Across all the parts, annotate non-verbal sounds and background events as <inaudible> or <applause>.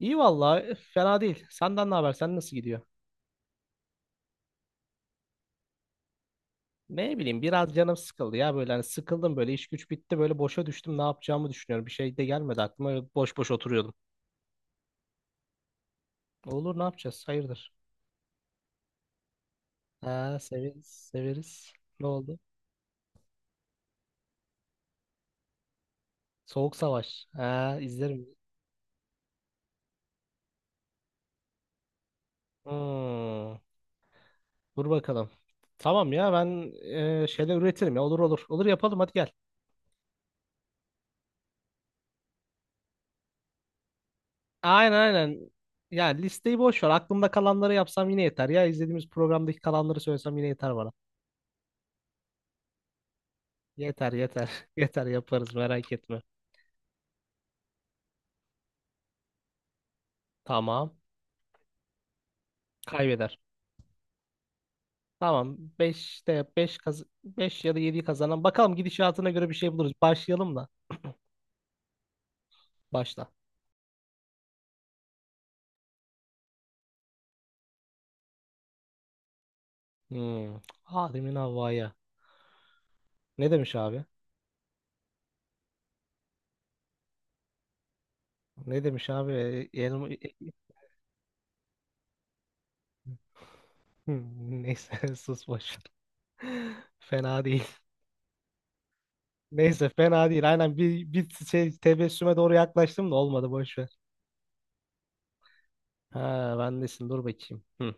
İyi vallahi fena değil. Senden ne haber? Sen nasıl gidiyor? Ne bileyim biraz canım sıkıldı ya böyle hani sıkıldım böyle iş güç bitti böyle boşa düştüm ne yapacağımı düşünüyorum. Bir şey de gelmedi aklıma öyle boş boş oturuyordum. Olur ne yapacağız? Hayırdır? Ha severiz severiz. Ne oldu? Soğuk Savaş. Ha izlerim. Hmm, dur bakalım. Tamam ya ben şeyler üretirim ya olur olur. Olur yapalım hadi gel. Aynen aynen. Ya listeyi boş ver. Aklımda kalanları yapsam yine yeter ya. İzlediğimiz programdaki kalanları söylesem yine yeter bana. Yeter yeter. <laughs> Yeter yaparız merak etme. Tamam. Kaybeder. Tamam. 5'te 5 kaz 5 ya da 7'yi kazanan. Bakalım gidişatına göre bir şey buluruz. Başlayalım da. Başla. Hmm. Adem'in havaya. Ne demiş abi? Ne demiş abi? Elma... <laughs> Neyse <laughs> sus boş ver. <laughs> Fena değil. Neyse fena değil. Aynen bir şey tebessüme doğru yaklaştım da olmadı boş ver. Ha bendesin dur bakayım. Hı.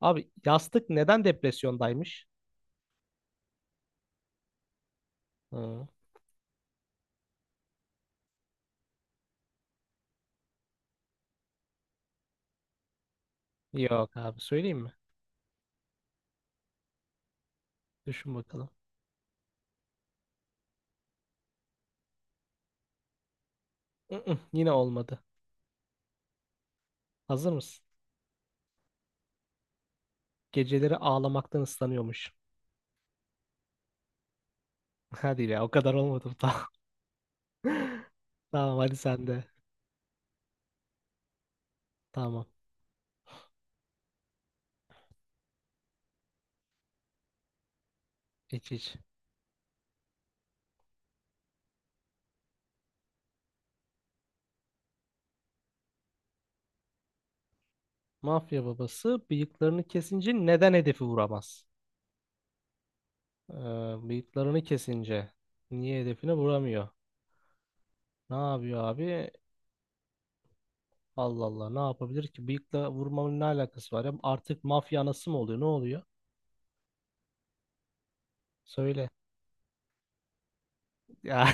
Abi yastık neden depresyondaymış? Hı. Yok abi söyleyeyim mi? Düşün bakalım. Mm-mm, yine olmadı. Hazır mısın? Geceleri ağlamaktan ıslanıyormuş. <laughs> Hadi ya o kadar olmadı. <laughs> Tamam, tamam hadi sen de. Tamam. İç iç. Mafya babası bıyıklarını kesince neden hedefi vuramaz? Ee, bıyıklarını kesince niye hedefine vuramıyor? Ne yapıyor abi? Allah Allah ne yapabilir ki? Bıyıkla vurmanın ne alakası var ya? Artık mafya anası mı oluyor? Ne oluyor? Söyle. Ya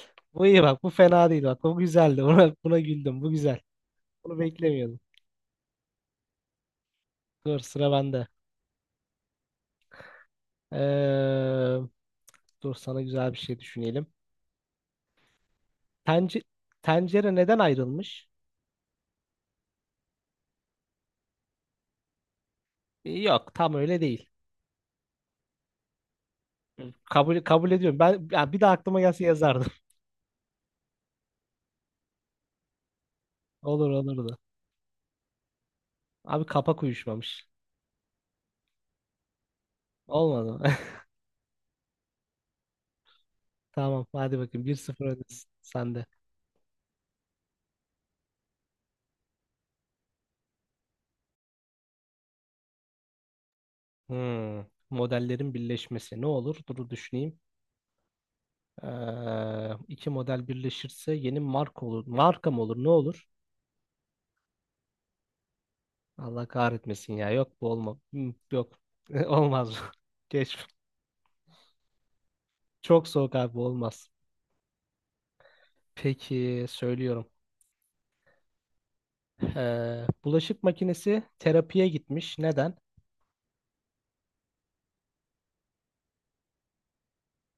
<laughs> bu iyi bak bu fena değil bak bu güzeldi. Buna güldüm bu güzel. Bunu beklemiyordum. Dur sıra bende. Ee, dur sana güzel bir şey düşünelim. Tence tencere neden ayrılmış? Yok tam öyle değil. Kabul ediyorum. Ben ya bir de aklıma gelse yazardım. <laughs> Olur olurdu. Abi kapak uyuşmamış. Olmadı. <laughs> Tamam hadi bakayım bir sıfır öndesin sende. Hmm. Modellerin birleşmesi ne olur? Dur düşüneyim. İki model birleşirse yeni marka olur. Marka mı olur? Ne olur? Allah kahretmesin ya. Yok bu olma. Yok. <laughs> Olmaz bu. Geç. Çok soğuk abi bu olmaz. Peki söylüyorum. Bulaşık makinesi terapiye gitmiş. Neden?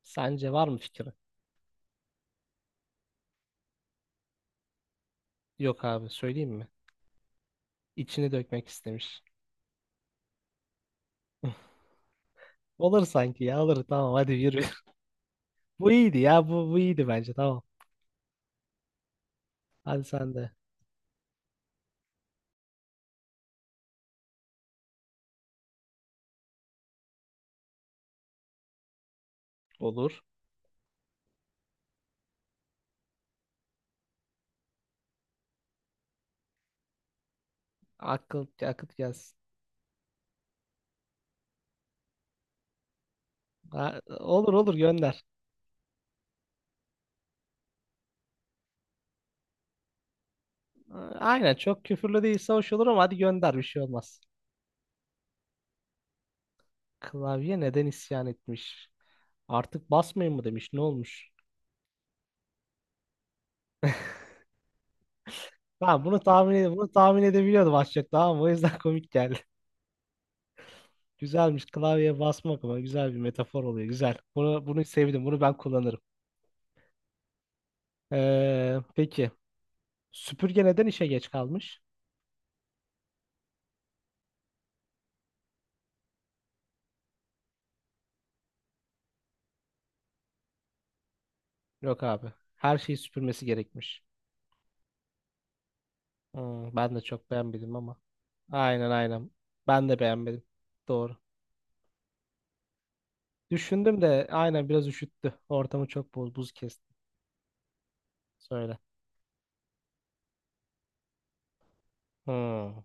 Sence var mı fikri? Yok abi söyleyeyim mi? İçini dökmek istemiş. Olur sanki ya olur tamam hadi yürü. <laughs> Bu iyiydi ya bu iyiydi bence tamam. Hadi sen de. Olur. Akıt gelsin. Ha, olur olur gönder. Aynen çok küfürlü değilse hoş olur ama hadi gönder bir şey olmaz. Klavye neden isyan etmiş? Artık basmayın mı demiş. Ne olmuş? Ben bunu tahmin edebiliyordum az çok tamam mı? O yüzden komik geldi. <laughs> Güzelmiş. Klavyeye basmak ama güzel bir metafor oluyor. Güzel. Bunu sevdim. Bunu ben kullanırım. Peki. Süpürge neden işe geç kalmış? Yok abi. Her şeyi süpürmesi gerekmiş. Ben de çok beğenmedim ama. Aynen aynen. Ben de beğenmedim. Doğru. Düşündüm de aynen biraz üşüttü. Ortamı çok buz, buz kesti. Söyle. Hmm.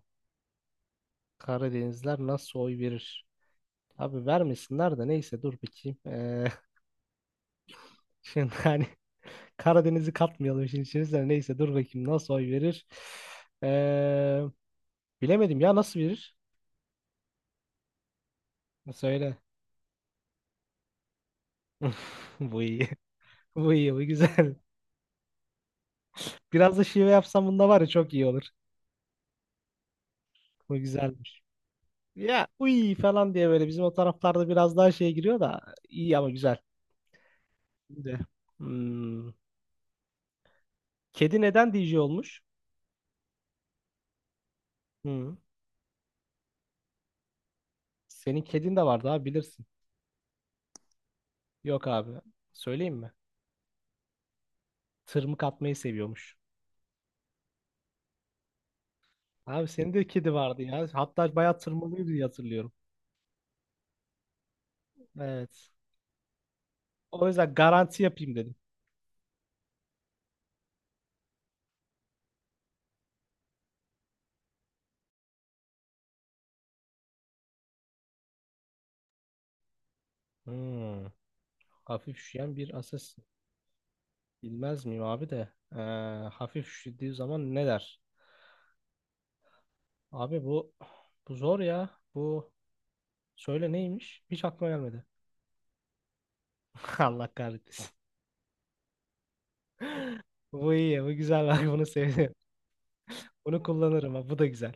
Karadenizler nasıl oy verir? Abi vermesinler de neyse dur bakayım. <laughs> Şimdi hani <laughs> Karadeniz'i katmayalım işin içerisine. Neyse dur bakayım nasıl oy verir? Ee, bilemedim ya nasıl verir? Söyle. <laughs> Bu iyi. <laughs> Bu iyi. Bu güzel. Biraz da şive yapsam bunda var ya çok iyi olur. Bu güzelmiş. Ya uy falan diye böyle bizim o taraflarda biraz daha şey giriyor da iyi ama güzel. Şimdi, hmm, kedi neden DJ olmuş? Hmm. Senin kedin de vardı abi bilirsin. Yok abi. Söyleyeyim mi? Tırmık atmayı seviyormuş. Abi senin de kedi vardı ya. Hatta bayağı tırmalıyordu diye hatırlıyorum. Evet. O yüzden garanti yapayım dedim. Hmm. Hafif üşüyen bir asas. Bilmez miyim abi de. Hafif üşüdüğü zaman ne der? Abi bu zor ya. Bu söyle neymiş? Hiç aklıma gelmedi. <laughs> Allah kahretsin. Bu iyi. Bu güzel. Bak bunu sevdim. Bunu kullanırım. Ha, bu da güzel.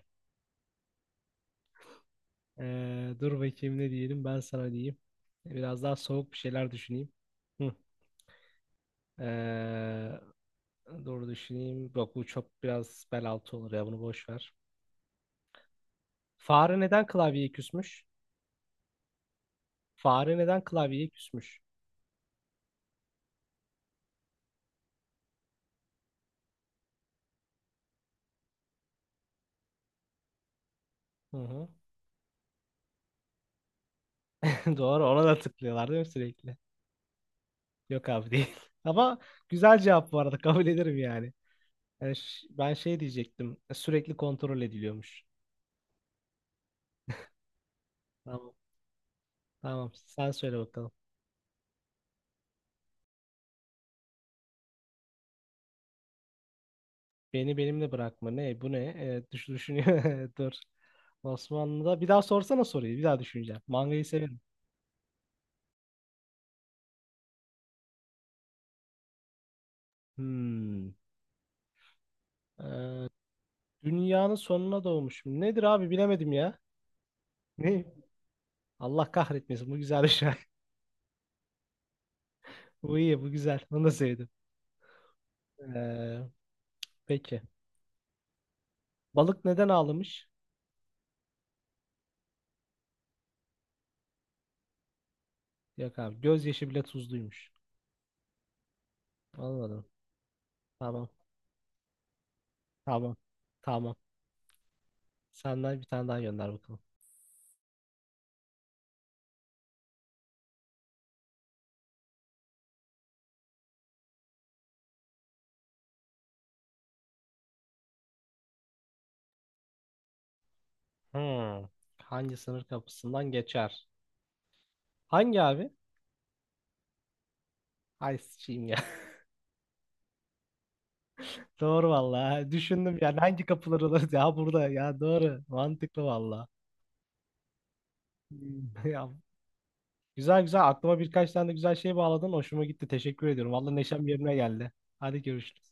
Dur bakayım ne diyelim ben sana diyeyim. Biraz daha soğuk bir şeyler düşüneyim. Hı. Ee, dur düşüneyim. Yok bu çok biraz bel altı olur ya bunu boş ver. Fare neden klavyeye küsmüş? Fare neden klavyeye küsmüş? Hı hı. <laughs> Doğru ona da tıklıyorlar değil mi sürekli? Yok abi değil. <laughs> Ama güzel cevap bu arada kabul ederim yani. Yani ben şey diyecektim sürekli kontrol ediliyormuş. Tamam. Tamam sen söyle bakalım. Beni benimle bırakma. Ne? Bu ne? Evet, düşünüyor. <laughs> Dur. Osmanlı'da. Bir daha sorsana soruyu. Bir daha düşüneceğim. Mangayı severim. Hmm. Dünyanın sonuna doğmuşum. Nedir abi bilemedim ya. Ne? Allah kahretmesin. Bu güzel bir şey. <laughs> Bu iyi. Bu güzel. Bunu da sevdim. Ee, peki. Balık neden ağlamış? Yok abi. Gözyaşı bile tuzluymuş. Anladım. Tamam. Tamam. Tamam. Senden bir tane daha gönder bakalım. Hmm. Hangi sınır kapısından geçer? Hangi abi? Ay sıçayım ya. Doğru valla. Düşündüm yani hangi kapılar olur <laughs> ya burada ya doğru. Mantıklı valla. <laughs> Ya, güzel güzel aklıma birkaç tane de güzel şey bağladın. Hoşuma gitti. Teşekkür ediyorum. Valla neşem yerine geldi. Hadi görüşürüz.